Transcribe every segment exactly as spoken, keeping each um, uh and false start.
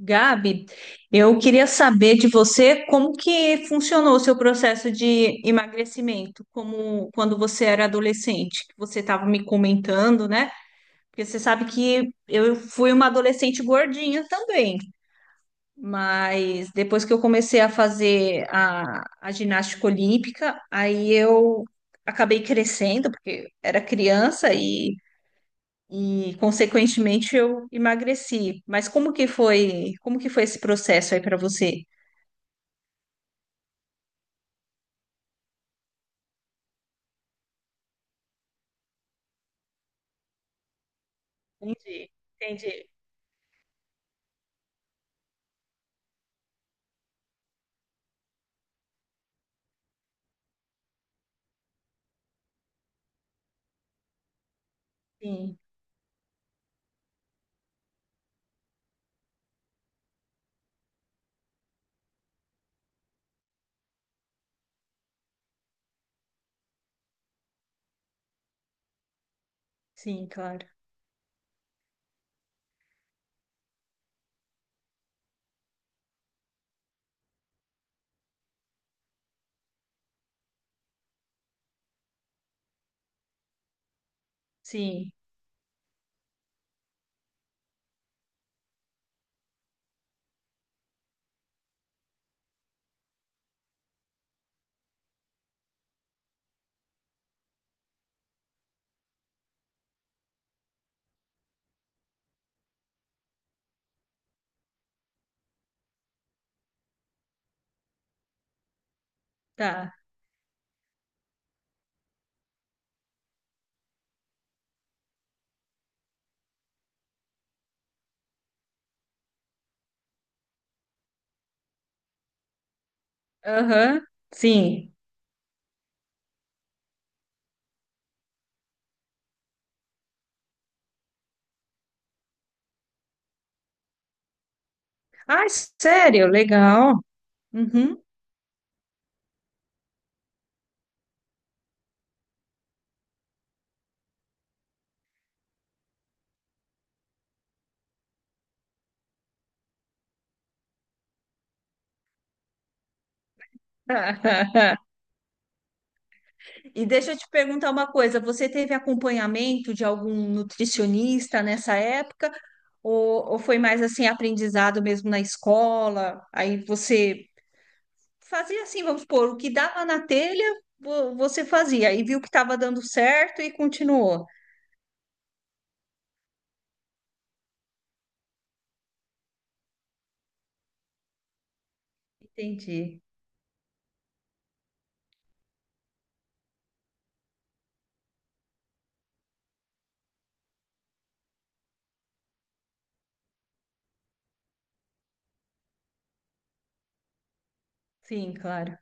Gabi, eu queria saber de você como que funcionou o seu processo de emagrecimento, como quando você era adolescente, que você estava me comentando, né? Porque você sabe que eu fui uma adolescente gordinha também, mas depois que eu comecei a fazer a, a ginástica olímpica, aí eu acabei crescendo, porque era criança e consequentemente eu emagreci. Mas como que foi, como que foi esse processo aí para você? Entendi, entendi. Sim, sim, claro. Sim, tá. Aham. Sim. Ai, sério, legal. Uhum. E deixa eu te perguntar uma coisa, você teve acompanhamento de algum nutricionista nessa época? Ou, ou foi mais assim aprendizado mesmo na escola? Aí você fazia assim, vamos supor, o que dava na telha, vo- você fazia, e viu que estava dando certo e continuou. Entendi. Sim, claro.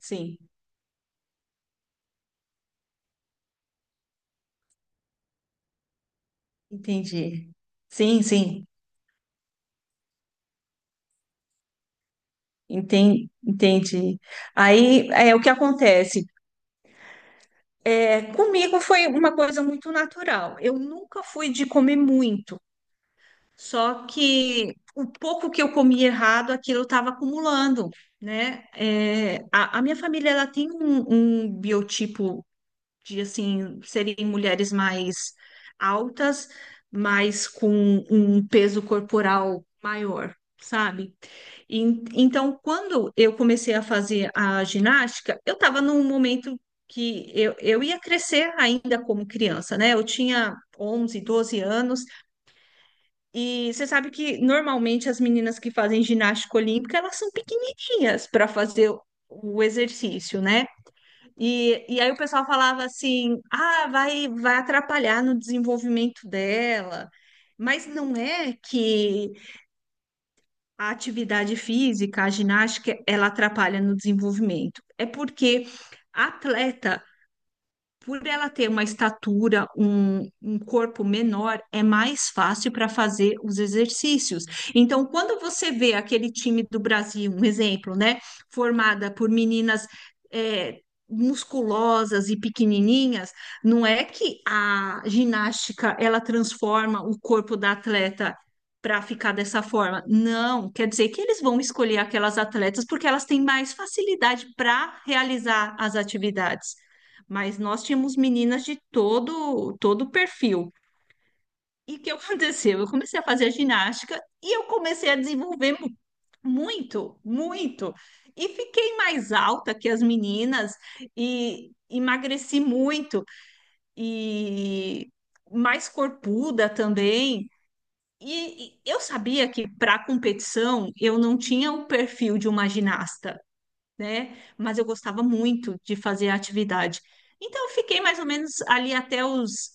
Sim, entendi. Sim, sim, Enten- entendi. Aí é o que acontece. É, comigo foi uma coisa muito natural. Eu nunca fui de comer muito, só que o pouco que eu comi errado, aquilo eu estava acumulando, né? É, a, a minha família ela tem um, um biotipo de assim serem mulheres mais altas, mas com um peso corporal maior, sabe? E, então, quando eu comecei a fazer a ginástica, eu estava num momento que eu, eu ia crescer ainda como criança, né? Eu tinha onze, doze anos, e você sabe que normalmente as meninas que fazem ginástica olímpica, elas são pequenininhas para fazer o exercício, né? E, e aí o pessoal falava assim: ah, vai, vai atrapalhar no desenvolvimento dela. Mas não é que a atividade física, a ginástica, ela atrapalha no desenvolvimento. É porque a atleta, por ela ter uma estatura, um, um corpo menor, é mais fácil para fazer os exercícios. Então, quando você vê aquele time do Brasil, um exemplo, né, formada por meninas é, musculosas e pequenininhas, não é que a ginástica ela transforma o corpo da atleta para ficar dessa forma. Não, quer dizer que eles vão escolher aquelas atletas porque elas têm mais facilidade para realizar as atividades, mas nós tínhamos meninas de todo todo o perfil. E o que aconteceu? Eu comecei a fazer a ginástica e eu comecei a desenvolver mu- muito, muito. E fiquei mais alta que as meninas e emagreci muito e mais corpuda também. E e eu sabia que para competição eu não tinha o perfil de uma ginasta, né? Mas eu gostava muito de fazer a atividade. Então, eu fiquei mais ou menos ali até os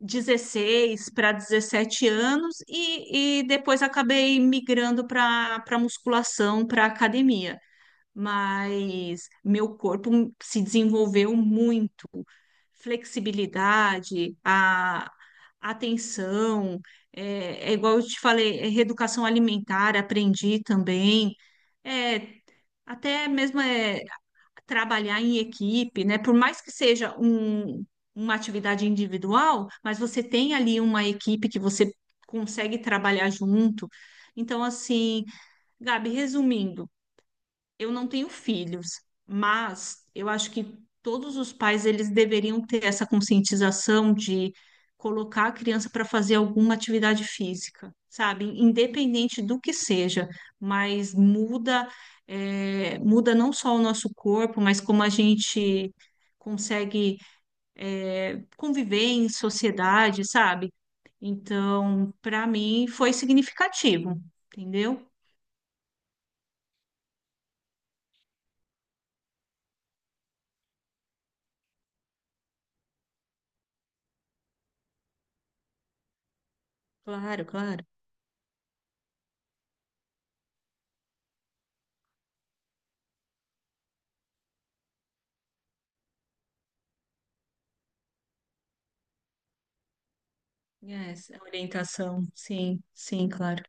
dezesseis para dezessete anos e, e depois acabei migrando para para musculação, para academia. Mas meu corpo se desenvolveu muito. Flexibilidade, a atenção, é, é igual eu te falei, é reeducação alimentar, aprendi também. É, até mesmo é trabalhar em equipe, né? Por mais que seja um, uma atividade individual, mas você tem ali uma equipe que você consegue trabalhar junto. Então, assim, Gabi, resumindo, eu não tenho filhos, mas eu acho que todos os pais eles deveriam ter essa conscientização de colocar a criança para fazer alguma atividade física, sabe? Independente do que seja, mas muda, é, muda não só o nosso corpo, mas como a gente consegue, é, conviver em sociedade, sabe? Então, para mim foi significativo, entendeu? Claro, claro. É, essa orientação, sim, sim, claro.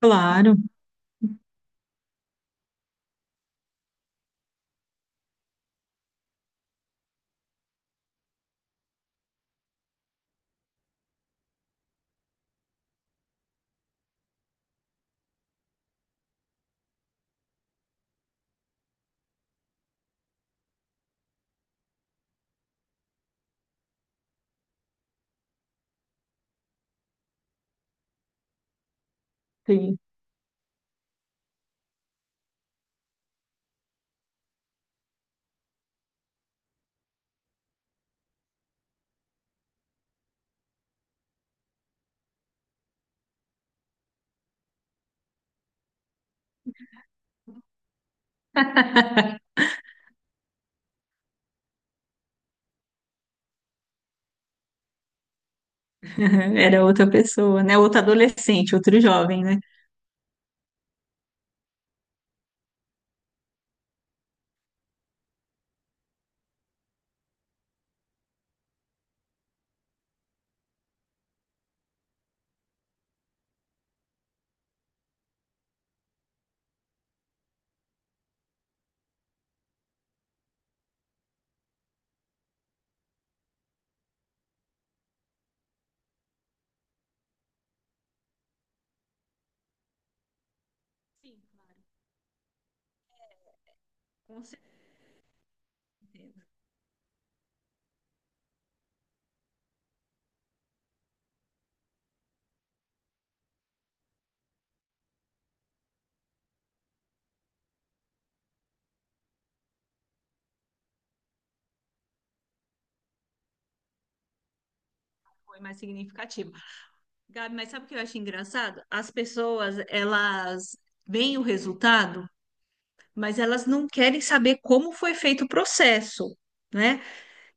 Claro, sim. Era outra pessoa, né? Outro adolescente, outro jovem, né? Sim, claro, com certeza. Foi mais significativo. Gabi, mas sabe o que eu acho engraçado? As pessoas, elas veem o resultado, mas elas não querem saber como foi feito o processo, né?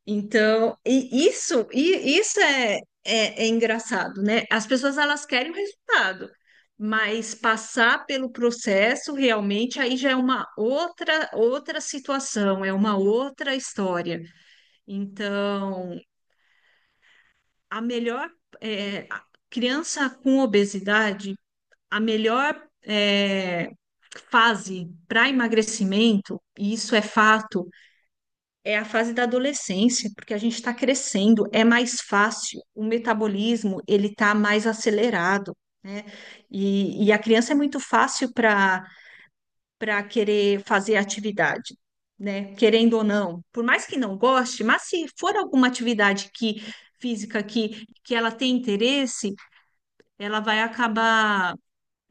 Então, e isso, e isso é, é, é engraçado, né? As pessoas elas querem o resultado, mas passar pelo processo realmente aí já é uma outra outra situação, é uma outra história. Então, a melhor é, a criança com obesidade, a melhor é, fase para emagrecimento, e isso é fato. É a fase da adolescência, porque a gente está crescendo, é mais fácil, o metabolismo ele está mais acelerado, né? E, e a criança é muito fácil para para querer fazer atividade, né? Querendo ou não, por mais que não goste, mas se for alguma atividade que física que, que ela tem interesse, ela vai acabar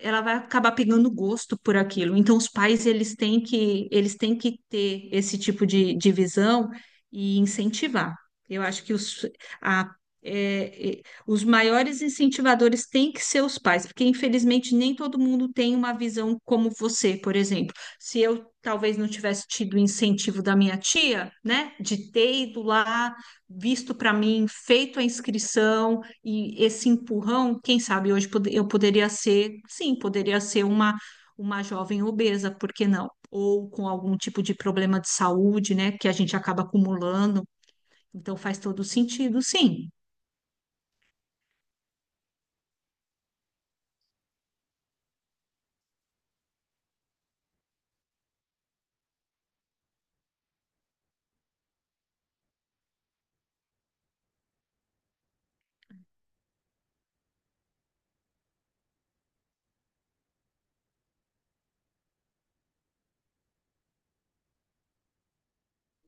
ela vai acabar pegando gosto por aquilo. Então, os pais, eles têm que, eles têm que ter esse tipo de, de visão e incentivar. Eu acho que os, a, é, é, os maiores incentivadores têm que ser os pais, porque, infelizmente, nem todo mundo tem uma visão como você, por exemplo. Se eu talvez não tivesse tido o incentivo da minha tia, né, de ter ido lá, visto para mim, feito a inscrição, e esse empurrão, quem sabe hoje pode- eu poderia ser, sim, poderia ser uma, uma jovem obesa, por que não? Ou com algum tipo de problema de saúde, né, que a gente acaba acumulando. Então faz todo sentido, sim.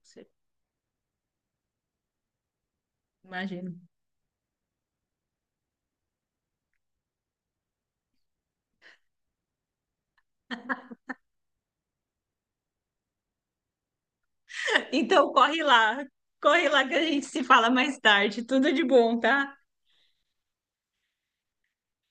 Você imagina. Então corre lá, corre lá que a gente se fala mais tarde. Tudo de bom, tá?